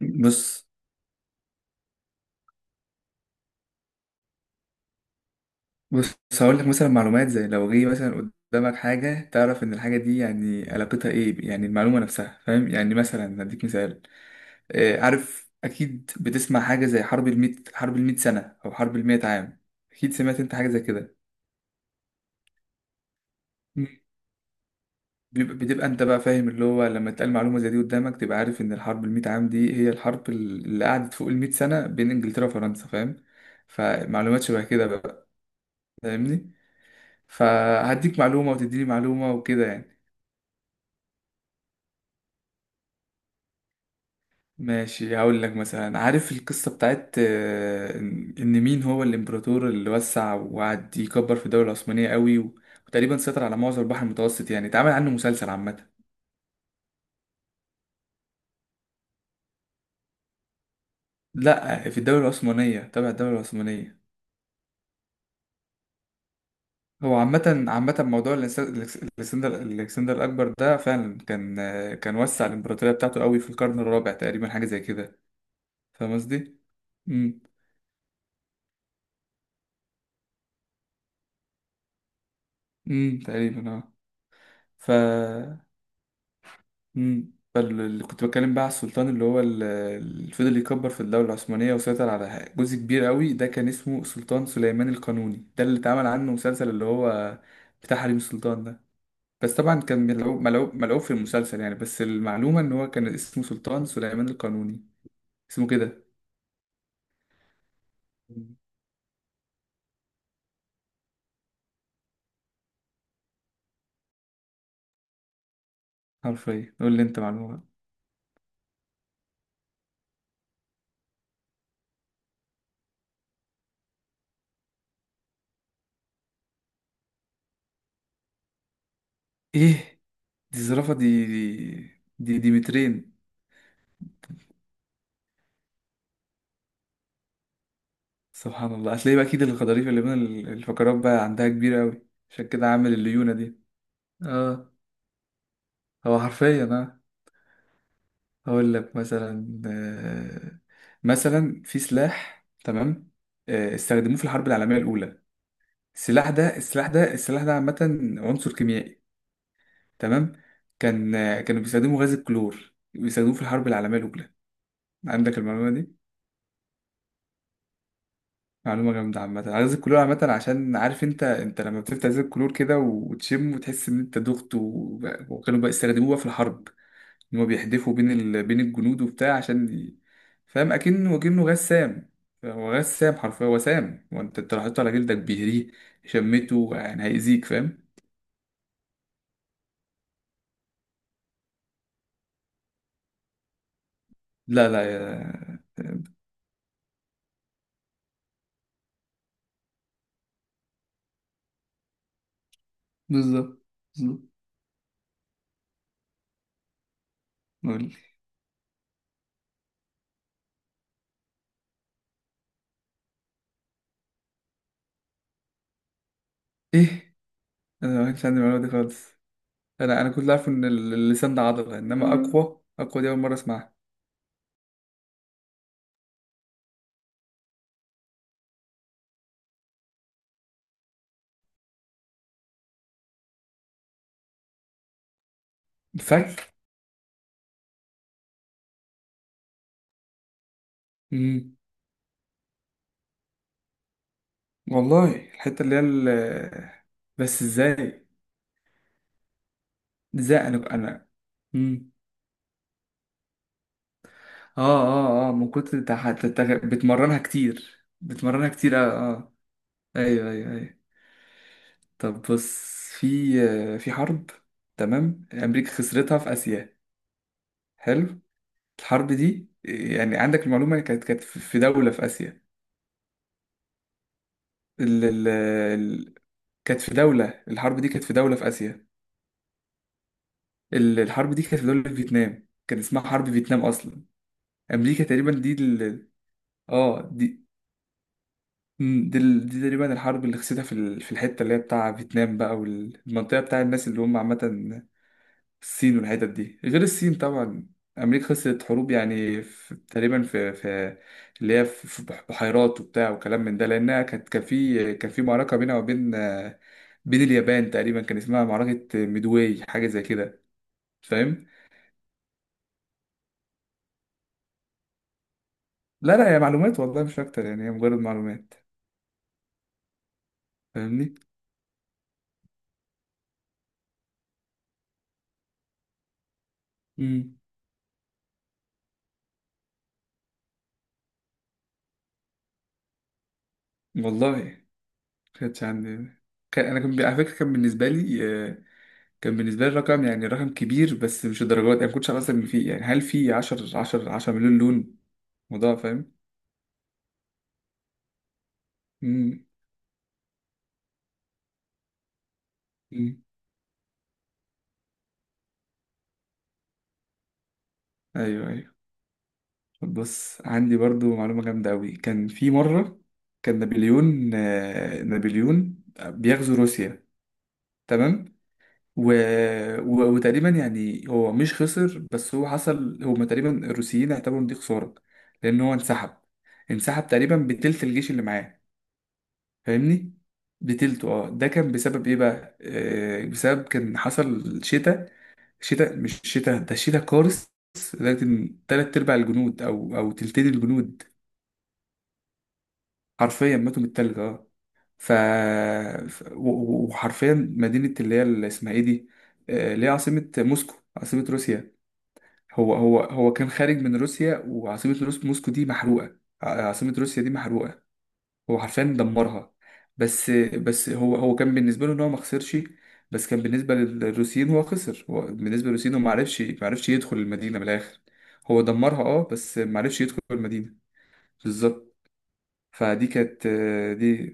بص بص، هقول لك مثلا معلومات زي لو جه مثلا قدامك حاجة، تعرف إن الحاجة دي يعني علاقتها إيه، يعني المعلومة نفسها، فاهم؟ يعني مثلا هديك مثال. عارف أكيد بتسمع حاجة زي حرب الميت، حرب الميت سنة أو حرب الميت عام. أكيد سمعت أنت حاجة زي كده. مم. بيبقى أنت بقى فاهم، اللي هو لما تقال معلومة زي دي قدامك، تبقى عارف إن الحرب الميت عام دي هي الحرب اللي قعدت فوق الميت سنة بين إنجلترا وفرنسا، فاهم؟ فمعلومات شبه كده بقى. فاهمني؟ فهديك معلومة وتديني معلومة وكده يعني. ماشي، هقول لك مثلا. عارف القصة بتاعت، إن مين هو الإمبراطور اللي وسع وقعد يكبر في الدولة العثمانية قوي، وتقريبا سيطر على معظم البحر المتوسط، يعني اتعمل عنه مسلسل عامة. لا، في الدولة العثمانية، تبع الدولة العثمانية. هو عامة موضوع الإكسندر الأكبر ده، فعلا كان، كان وسع الإمبراطورية بتاعته قوي في القرن الرابع تقريبا، حاجة زي كده. فاهم قصدي؟ امم امم تقريبا اه. ف امم اللي كنت بتكلم بقى على السلطان، اللي هو اللي فضل يكبر في الدولة العثمانية وسيطر على جزء كبير قوي، ده كان اسمه سلطان سليمان القانوني. ده اللي اتعمل عنه مسلسل، اللي هو بتاع حريم السلطان ده. بس طبعا كان ملعوب في المسلسل يعني، بس المعلومة ان هو كان اسمه سلطان سليمان القانوني. اسمه كده. مم. حرفيا قول لي انت معلومة بقى. ايه؟ دي الزرافة دي، دي مترين. سبحان الله. هتلاقي بقى اكيد الغضاريف اللي بين الفقرات بقى عندها كبيرة قوي. عشان كده عامل الليونة دي. اه، هو حرفيا اه. هقول لك مثلا، مثلا في سلاح، تمام؟ استخدموه في الحرب العالميه الاولى. السلاح ده عامه عنصر كيميائي، تمام؟ كان، كانوا بيستخدموا غاز الكلور، بيستخدموه في الحرب العالميه الاولى. عندك المعلومه دي؟ معلومه جامده. عامه غاز الكلور عامه، عشان عارف انت، انت لما بتفتح غاز الكلور كده وتشم وتحس ان انت دغت وكانوا استخدموه بقى في الحرب، ان هو بيحدفوا بين بين الجنود وبتاع، عشان فاهم، اكنه غسام. هو غسام حرفيا، هو سام، وانت، انت لو حطيته على جلدك بيهريه، شمته يعني هيأذيك، فاهم؟ لا لا يا... بالظبط، بالظبط. قول لي ايه. انا ما كانش عندي المعلومه دي خالص. انا كنت عارف ان اللسان ده عضله، انما اقوى، اقوى دي اول مره اسمعها. الفك. امم، والله الحته اللي هي بس ازاي؟ ازاي انا انا مم. اه اه اه، من كتر بتمرنها كتير، بتمرنها كتير، اه اه. ايوه ايوه ايوه. طب بص. في، في حرب، تمام، امريكا خسرتها في اسيا. حلو. الحرب دي يعني عندك المعلومه، كانت في في دوله في اسيا. ال... ال... ال... كانت في دوله، الحرب دي كانت في دوله في اسيا. الحرب دي كانت في دوله في فيتنام، كان اسمها حرب فيتنام اصلا. امريكا تقريبا دي اه دي، مم، دي تقريبا الحرب اللي خسيتها في في الحتة اللي هي بتاع فيتنام بقى، والمنطقة بتاع الناس اللي هم عامة الصين والحتت دي، غير الصين طبعا. أمريكا خسرت حروب يعني، في تقريبا في اللي هي في في بحيرات وبتاع وكلام من ده، لأنها كانت كان في، كان في معركة بينها وبين، بين اليابان تقريبا، كان اسمها معركة ميدواي، حاجة زي كده. فاهم؟ لا لا، هي معلومات والله مش أكتر يعني، هي مجرد معلومات. فاهمني؟ مم. والله كانتش عندي. كان انا، كان على فكره كان بالنسبه لي، كان بالنسبه لي الرقم، يعني رقم كبير، بس مش الدرجات يعني، ما كنتش عارف اصلا ان في، يعني هل في 10 مليون لون، موضوع، فاهم؟ امم. أمم. ايوه ايوه. طب بص، عندي برضو معلومه جامده قوي. كان في مره كان نابليون، نابليون بيغزو روسيا، تمام؟ و... وتقريبا يعني هو مش خسر، بس هو حصل هما تقريبا الروسيين اعتبروا ان دي خسارة، لأن هو انسحب. انسحب تقريبا بتلت الجيش اللي معاه. فاهمني؟ بتلته اه. ده كان بسبب ايه بقى؟ آه، بسبب كان حصل شتاء. شتاء، مش شتاء، ده شتاء قارس، لدرجة ان تلات أرباع الجنود، أو أو تلتين الجنود حرفيا ماتوا من التلج، اه. ف... وحرفيا مدينة اللي هي اللي اسمها ايه دي؟ اللي هي عاصمة موسكو، عاصمة روسيا. هو كان خارج من روسيا، وعاصمة روس موسكو دي محروقة، عاصمة روسيا دي محروقة. هو حرفيا دمرها. بس هو، هو كان بالنسبة له ان هو ما خسرش، بس كان بالنسبة للروسيين هو خسر، هو بالنسبة للروسيين هو ما عرفش، ما عرفش يدخل المدينة من الآخر. هو دمرها اه، بس ما عرفش يدخل المدينة. بالظبط. فدي كانت، دي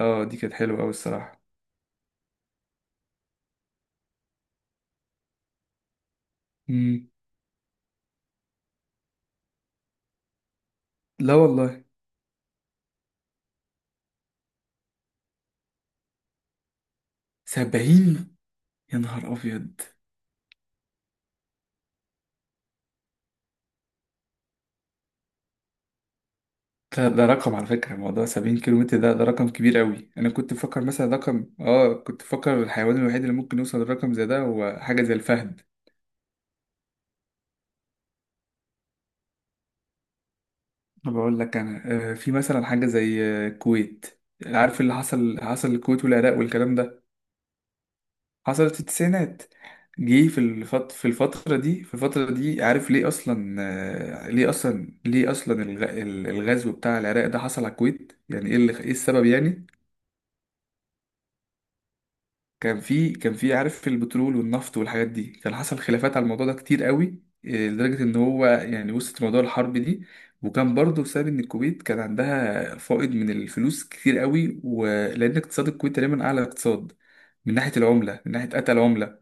اه دي كانت حلوة أوي الصراحة. مم. لا والله. سبعين. يا نهار أبيض. ده رقم على فكرة، موضوع 70 كيلو متر ده، ده رقم كبير قوي. أنا كنت بفكر مثلا رقم، آه كنت بفكر الحيوان الوحيد اللي ممكن يوصل لرقم زي ده هو حاجة زي الفهد. بقول لك أنا، في مثلا حاجة زي، الكويت. عارف اللي حصل، حصل الكويت والعراق والكلام ده، حصلت في التسعينات. جه في في الفترة دي، في الفترة دي عارف ليه أصلا، ليه أصلا، ليه أصلا الغزو بتاع العراق ده حصل على الكويت، يعني إيه إيه السبب يعني؟ كان في، كان في، عارف البترول والنفط والحاجات دي، كان حصل خلافات على الموضوع ده كتير قوي، إيه، لدرجة ان هو يعني وسط موضوع الحرب دي. وكان برضه بسبب ان الكويت كان عندها فائض من الفلوس كتير قوي، ولان اقتصاد الكويت تقريبا اعلى اقتصاد من ناحية العملة، من ناحية قتل العملة.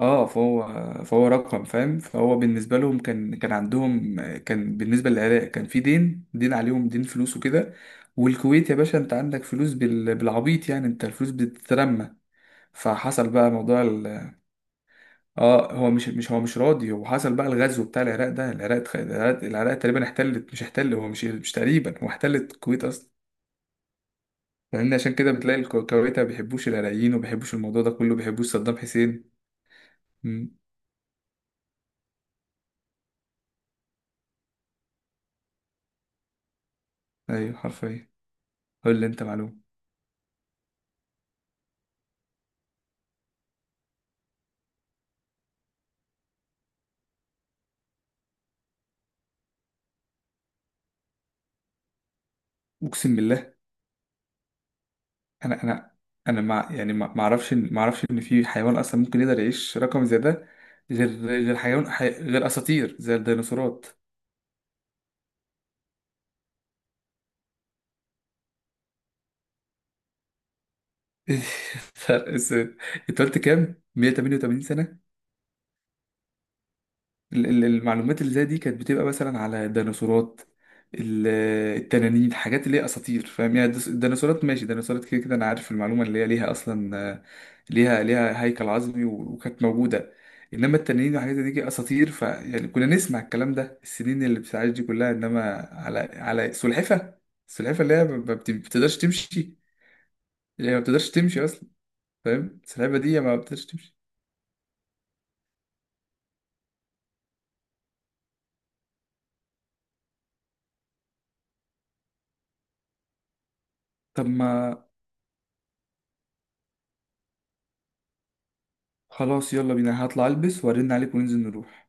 اه فهو، رقم فاهم، فهو بالنسبة لهم كان، كان عندهم، كان بالنسبة للعراق كان في دين، دين عليهم، دين فلوس وكده، والكويت يا باشا انت عندك فلوس بالعبيط يعني، انت الفلوس بتترمى. فحصل بقى موضوع اه هو مش، راضي. هو حصل بقى الغزو بتاع العراق ده، العراق العراق تقريبا احتلت، مش احتل، هو مش مش تقريبا، هو احتلت الكويت اصلا. فاهمني؟ عشان كده بتلاقي الكويت ما بيحبوش العراقيين، وما بيحبوش الموضوع ده كله، ما بيحبوش صدام حسين. امم. ايوه حرفيا. قول لي انت معلومه. اقسم بالله. انا انا انا مع يعني، ما اعرفش ما اعرفش ان في حيوان اصلا ممكن يقدر يعيش رقم زي ده، غير حيوان غير اساطير زي الديناصورات. فرق السن. انت قلت كام؟ 188 سنة. المعلومات اللي زي دي كانت بتبقى مثلا على الديناصورات، ال- التنانين، حاجات اللي هي اساطير، فاهم يعني؟ الديناصورات ماشي، الديناصورات كده كده انا عارف المعلومة، اللي هي ليها اصلا، ليها هيكل عظمي، وكانت موجودة. انما التنانين وحاجات زي دي اساطير، فيعني كنا نسمع الكلام ده. السنين اللي بتعيش دي كلها، انما على، على سلحفة، السلحفة اللي هي ما ما بت- بتقدرش تمشي، اللي هي ما بتقدرش تمشي اصلا، فاهم؟ السلحفة دي ما بتقدرش تمشي. طب ما خلاص، يلا بينا، هطلع البس وارن عليك وننزل نروح.